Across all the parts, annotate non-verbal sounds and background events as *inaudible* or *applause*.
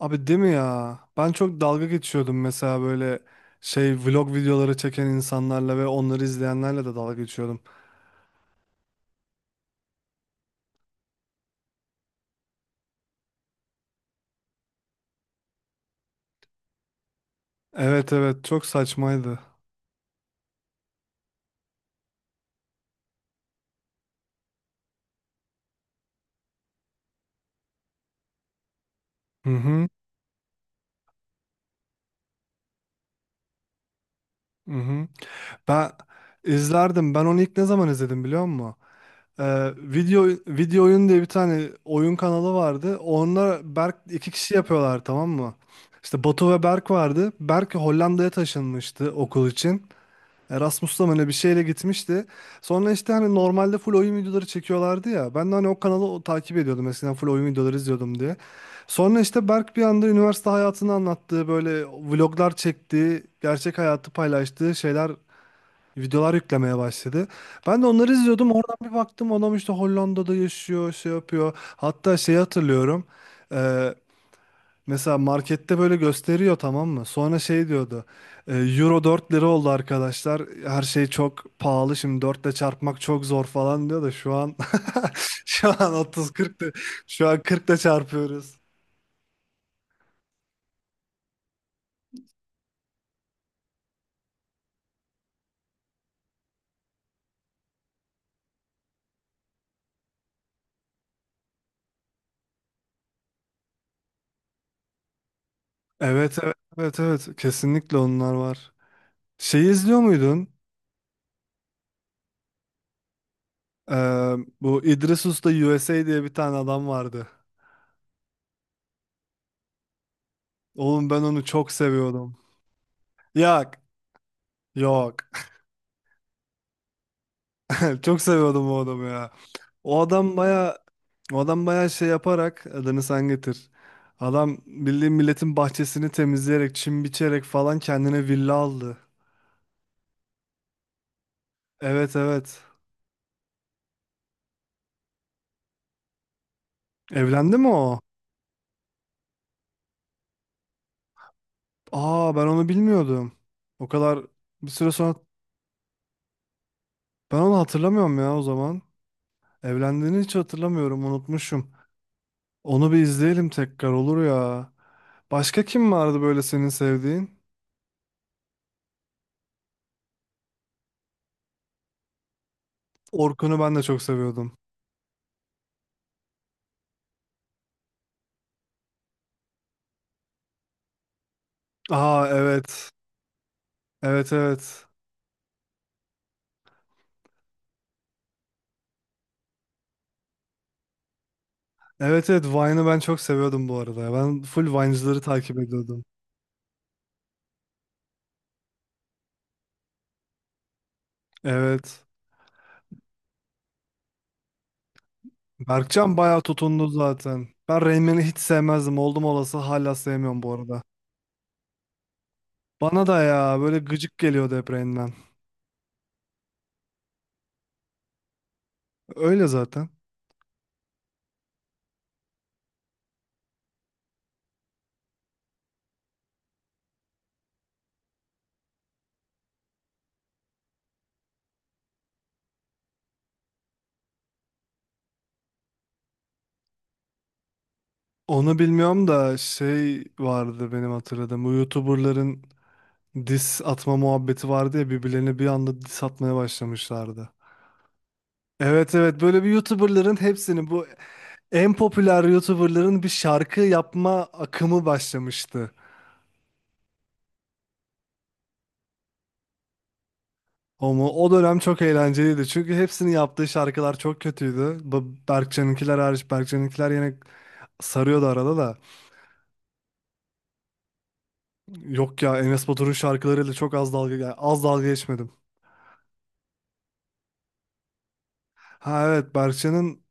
Abi değil mi ya? Ben çok dalga geçiyordum mesela böyle şey vlog videoları çeken insanlarla ve onları izleyenlerle de dalga geçiyordum. Evet evet çok saçmaydı. Hı hı. Hı hı. Ben izlerdim. Ben onu ilk ne zaman izledim biliyor musun? Video oyun diye bir tane oyun kanalı vardı. Onlar Berk iki kişi yapıyorlar tamam mı? İşte Batu ve Berk vardı. Berk Hollanda'ya taşınmıştı okul için. Erasmus'ta mı ne bir şeyle gitmişti. Sonra işte hani normalde full oyun videoları çekiyorlardı ya. Ben de hani o kanalı takip ediyordum eskiden full oyun videoları izliyordum diye. Sonra işte Berk bir anda üniversite hayatını anlattığı böyle vloglar çektiği, gerçek hayatı paylaştığı şeyler videolar yüklemeye başladı. Ben de onları izliyordum. Oradan bir baktım adam işte Hollanda'da yaşıyor, şey yapıyor. Hatta şeyi hatırlıyorum. Mesela markette böyle gösteriyor tamam mı? Sonra şey diyordu. Euro 4 lira oldu arkadaşlar. Her şey çok pahalı. Şimdi 4 ile çarpmak çok zor falan diyor da şu an *laughs* şu an 30-40 şu an 40 ile çarpıyoruz. Evet evet evet evet. Kesinlikle onlar var. Şey izliyor muydun? Ee, bu İdris Usta USA diye bir tane adam vardı. Oğlum ben onu çok seviyordum. Yok yok. Çok seviyordum o adamı ya. O adam baya o adam baya şey yaparak adını sen getir. Adam bildiğin milletin bahçesini temizleyerek, çim biçerek falan kendine villa aldı. Evet evet. Evlendi mi o? Aa ben onu bilmiyordum. O kadar bir süre sonra ben onu hatırlamıyorum ya o zaman. Evlendiğini hiç hatırlamıyorum, unutmuşum. Onu bir izleyelim tekrar olur ya. Başka kim vardı böyle senin sevdiğin? Orkun'u ben de çok seviyordum. Aa evet. Evet evet. Evet evet Vine'ı ben çok seviyordum bu arada. Ben full Vine'cıları takip ediyordum. Evet. Berkcan bayağı tutundu zaten. Ben Rain hiç sevmezdim. Oldum olası hala sevmiyorum bu arada. Bana da ya böyle gıcık geliyordu hep Rain Man. Öyle zaten. Onu bilmiyorum da şey vardı benim hatırladığım. Bu YouTuber'ların diss atma muhabbeti vardı ya birbirlerine bir anda diss atmaya başlamışlardı. Evet evet böyle bir YouTuber'ların hepsini bu en popüler YouTuber'ların bir şarkı yapma akımı başlamıştı. O mu? O dönem çok eğlenceliydi. Çünkü hepsinin yaptığı şarkılar çok kötüydü. Bu Berkcan'ınkiler hariç Berkcan'ınkiler yine sarıyordu arada da. Yok ya Enes Batur'un şarkılarıyla çok az dalga yani az dalga geçmedim. Ha evet Berkcan'ın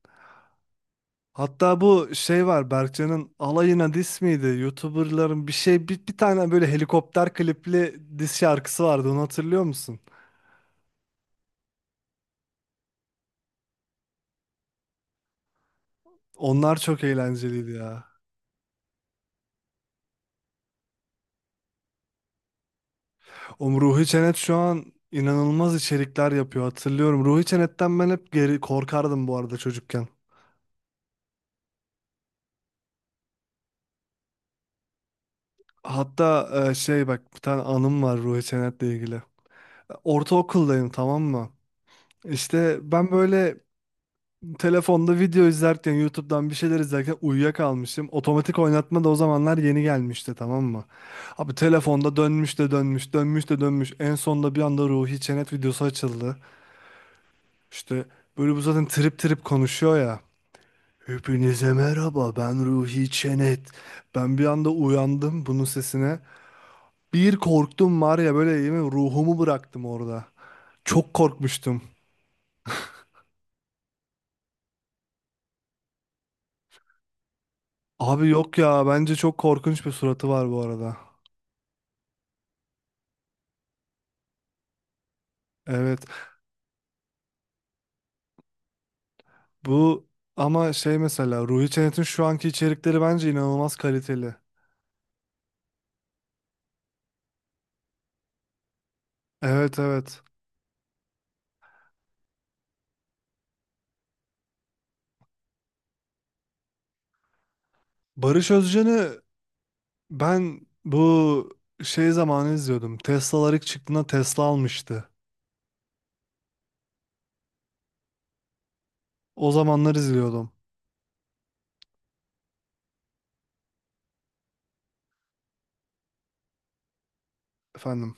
hatta bu şey var Berkcan'ın alayına diss miydi? YouTuber'ların bir şey bir tane böyle helikopter klipli diss şarkısı vardı onu hatırlıyor musun? Onlar çok eğlenceliydi ya. O Ruhi Çenet şu an inanılmaz içerikler yapıyor hatırlıyorum. Ruhi Çenet'ten ben hep geri korkardım bu arada çocukken. Hatta şey bak bir tane anım var Ruhi Çenet'le ilgili. Ortaokuldayım tamam mı? İşte ben böyle telefonda video izlerken YouTube'dan bir şeyler izlerken uyuyakalmışım. Otomatik oynatma da o zamanlar yeni gelmişti tamam mı? Abi telefonda dönmüş de dönmüş, dönmüş de dönmüş. En sonunda bir anda Ruhi Çenet videosu açıldı. İşte böyle bu zaten trip trip konuşuyor ya. Hepinize merhaba, ben Ruhi Çenet. Ben bir anda uyandım bunun sesine. Bir korktum var ya böyle yemin ruhumu bıraktım orada. Çok korkmuştum. Abi yok ya bence çok korkunç bir suratı var bu arada. Evet bu ama şey mesela Ruhi Çenet'in şu anki içerikleri bence inanılmaz kaliteli. Evet evet. Barış Özcan'ı ben bu şey zamanı izliyordum. Teslalar ilk çıktığında Tesla almıştı. O zamanlar izliyordum efendim.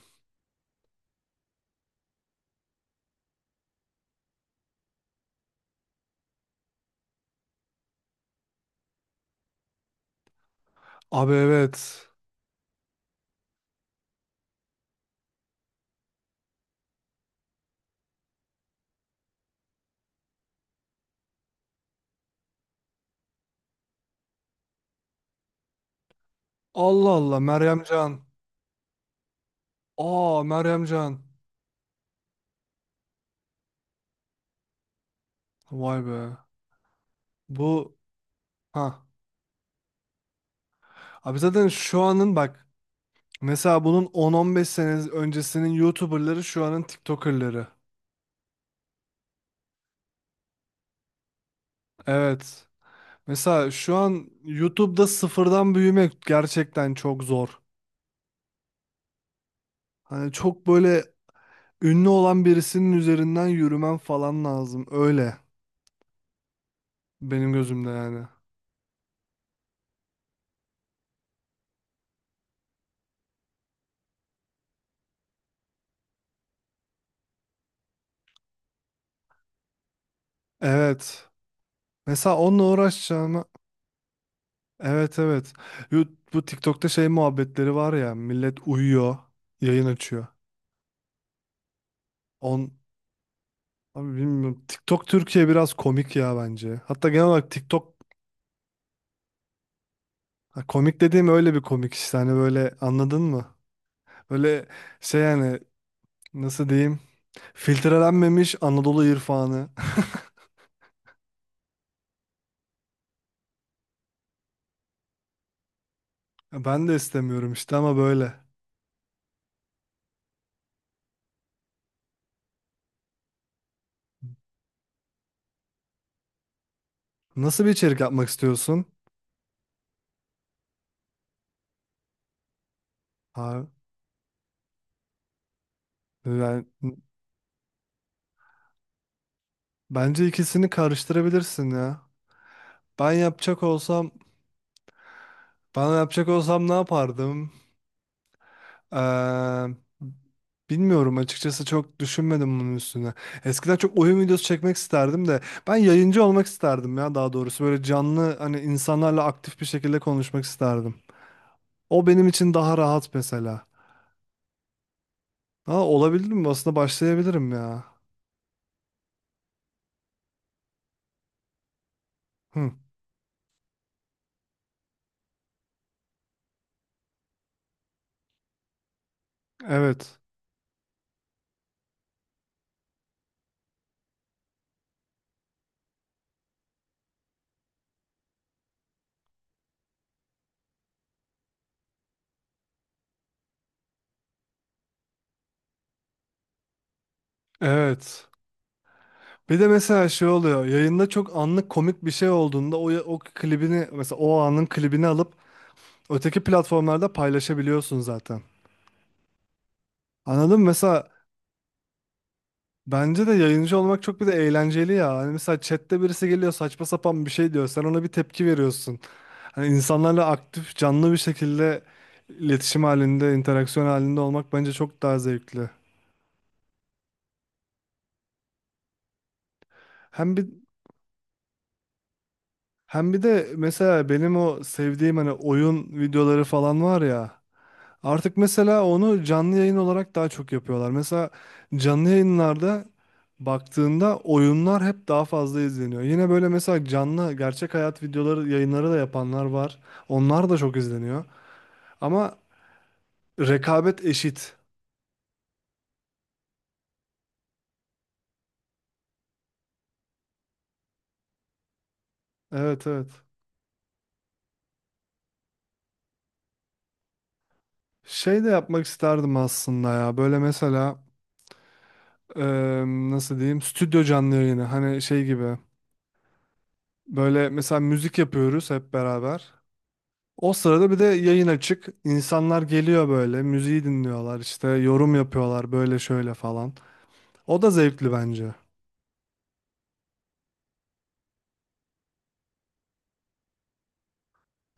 Abi evet. Allah Allah Meryem Can. Aa Meryem Can. Vay be. Bu ha. Abi zaten şu anın bak mesela bunun 10-15 sene öncesinin YouTuber'ları şu anın TikToker'ları. Evet. Mesela şu an YouTube'da sıfırdan büyümek gerçekten çok zor. Hani çok böyle ünlü olan birisinin üzerinden yürümen falan lazım. Öyle benim gözümde yani. Evet. Mesela onunla uğraşacağım. Evet evet. Yo, bu TikTok'ta şey muhabbetleri var ya millet uyuyor, yayın açıyor. On abi bilmiyorum. TikTok Türkiye biraz komik ya bence. Hatta genel olarak TikTok ha, komik dediğim öyle bir komik işte hani böyle anladın mı? Böyle şey yani nasıl diyeyim? Filtrelenmemiş Anadolu irfanı. *laughs* Ben de istemiyorum işte ama böyle. Nasıl bir içerik yapmak istiyorsun? Ha, yani bence ikisini karıştırabilirsin ya. Ben yapacak olsam Bana yapacak olsam ne yapardım? Eee, bilmiyorum açıkçası çok düşünmedim bunun üstüne. Eskiden çok oyun videosu çekmek isterdim de ben yayıncı olmak isterdim ya daha doğrusu. Böyle canlı hani insanlarla aktif bir şekilde konuşmak isterdim. O benim için daha rahat mesela. Ha, olabilir mi? Aslında başlayabilirim ya. Hı, evet. Evet. Bir de mesela şey oluyor. Yayında çok anlık komik bir şey olduğunda o klibini mesela o anın klibini alıp öteki platformlarda paylaşabiliyorsun zaten. Anladım. Mesela bence de yayıncı olmak çok bir de eğlenceli ya. Hani mesela chatte birisi geliyor saçma sapan bir şey diyor. Sen ona bir tepki veriyorsun. Hani insanlarla aktif, canlı bir şekilde iletişim halinde, interaksiyon halinde olmak bence çok daha zevkli. Hem bir hem bir de mesela benim o sevdiğim hani oyun videoları falan var ya. Artık mesela onu canlı yayın olarak daha çok yapıyorlar. Mesela canlı yayınlarda baktığında oyunlar hep daha fazla izleniyor. Yine böyle mesela canlı gerçek hayat videoları yayınları da yapanlar var. Onlar da çok izleniyor. Ama rekabet eşit. Evet evet. Şey de yapmak isterdim aslında ya. Böyle mesela nasıl diyeyim stüdyo canlı yayını. Hani şey gibi. Böyle mesela müzik yapıyoruz hep beraber. O sırada bir de yayın açık. İnsanlar geliyor böyle, müziği dinliyorlar, işte yorum yapıyorlar böyle şöyle falan. O da zevkli bence.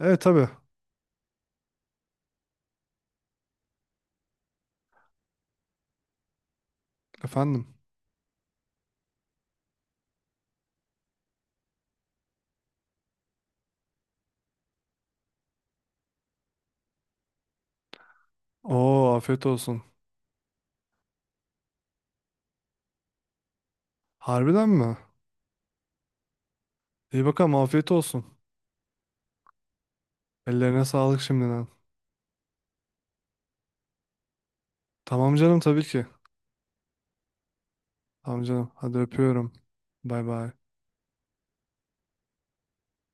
Evet tabii. Efendim. Oo afiyet olsun. Harbiden mi? İyi bakalım afiyet olsun. Ellerine sağlık şimdiden. Tamam canım tabii ki. Tamam canım. Hadi öpüyorum. Bay bay.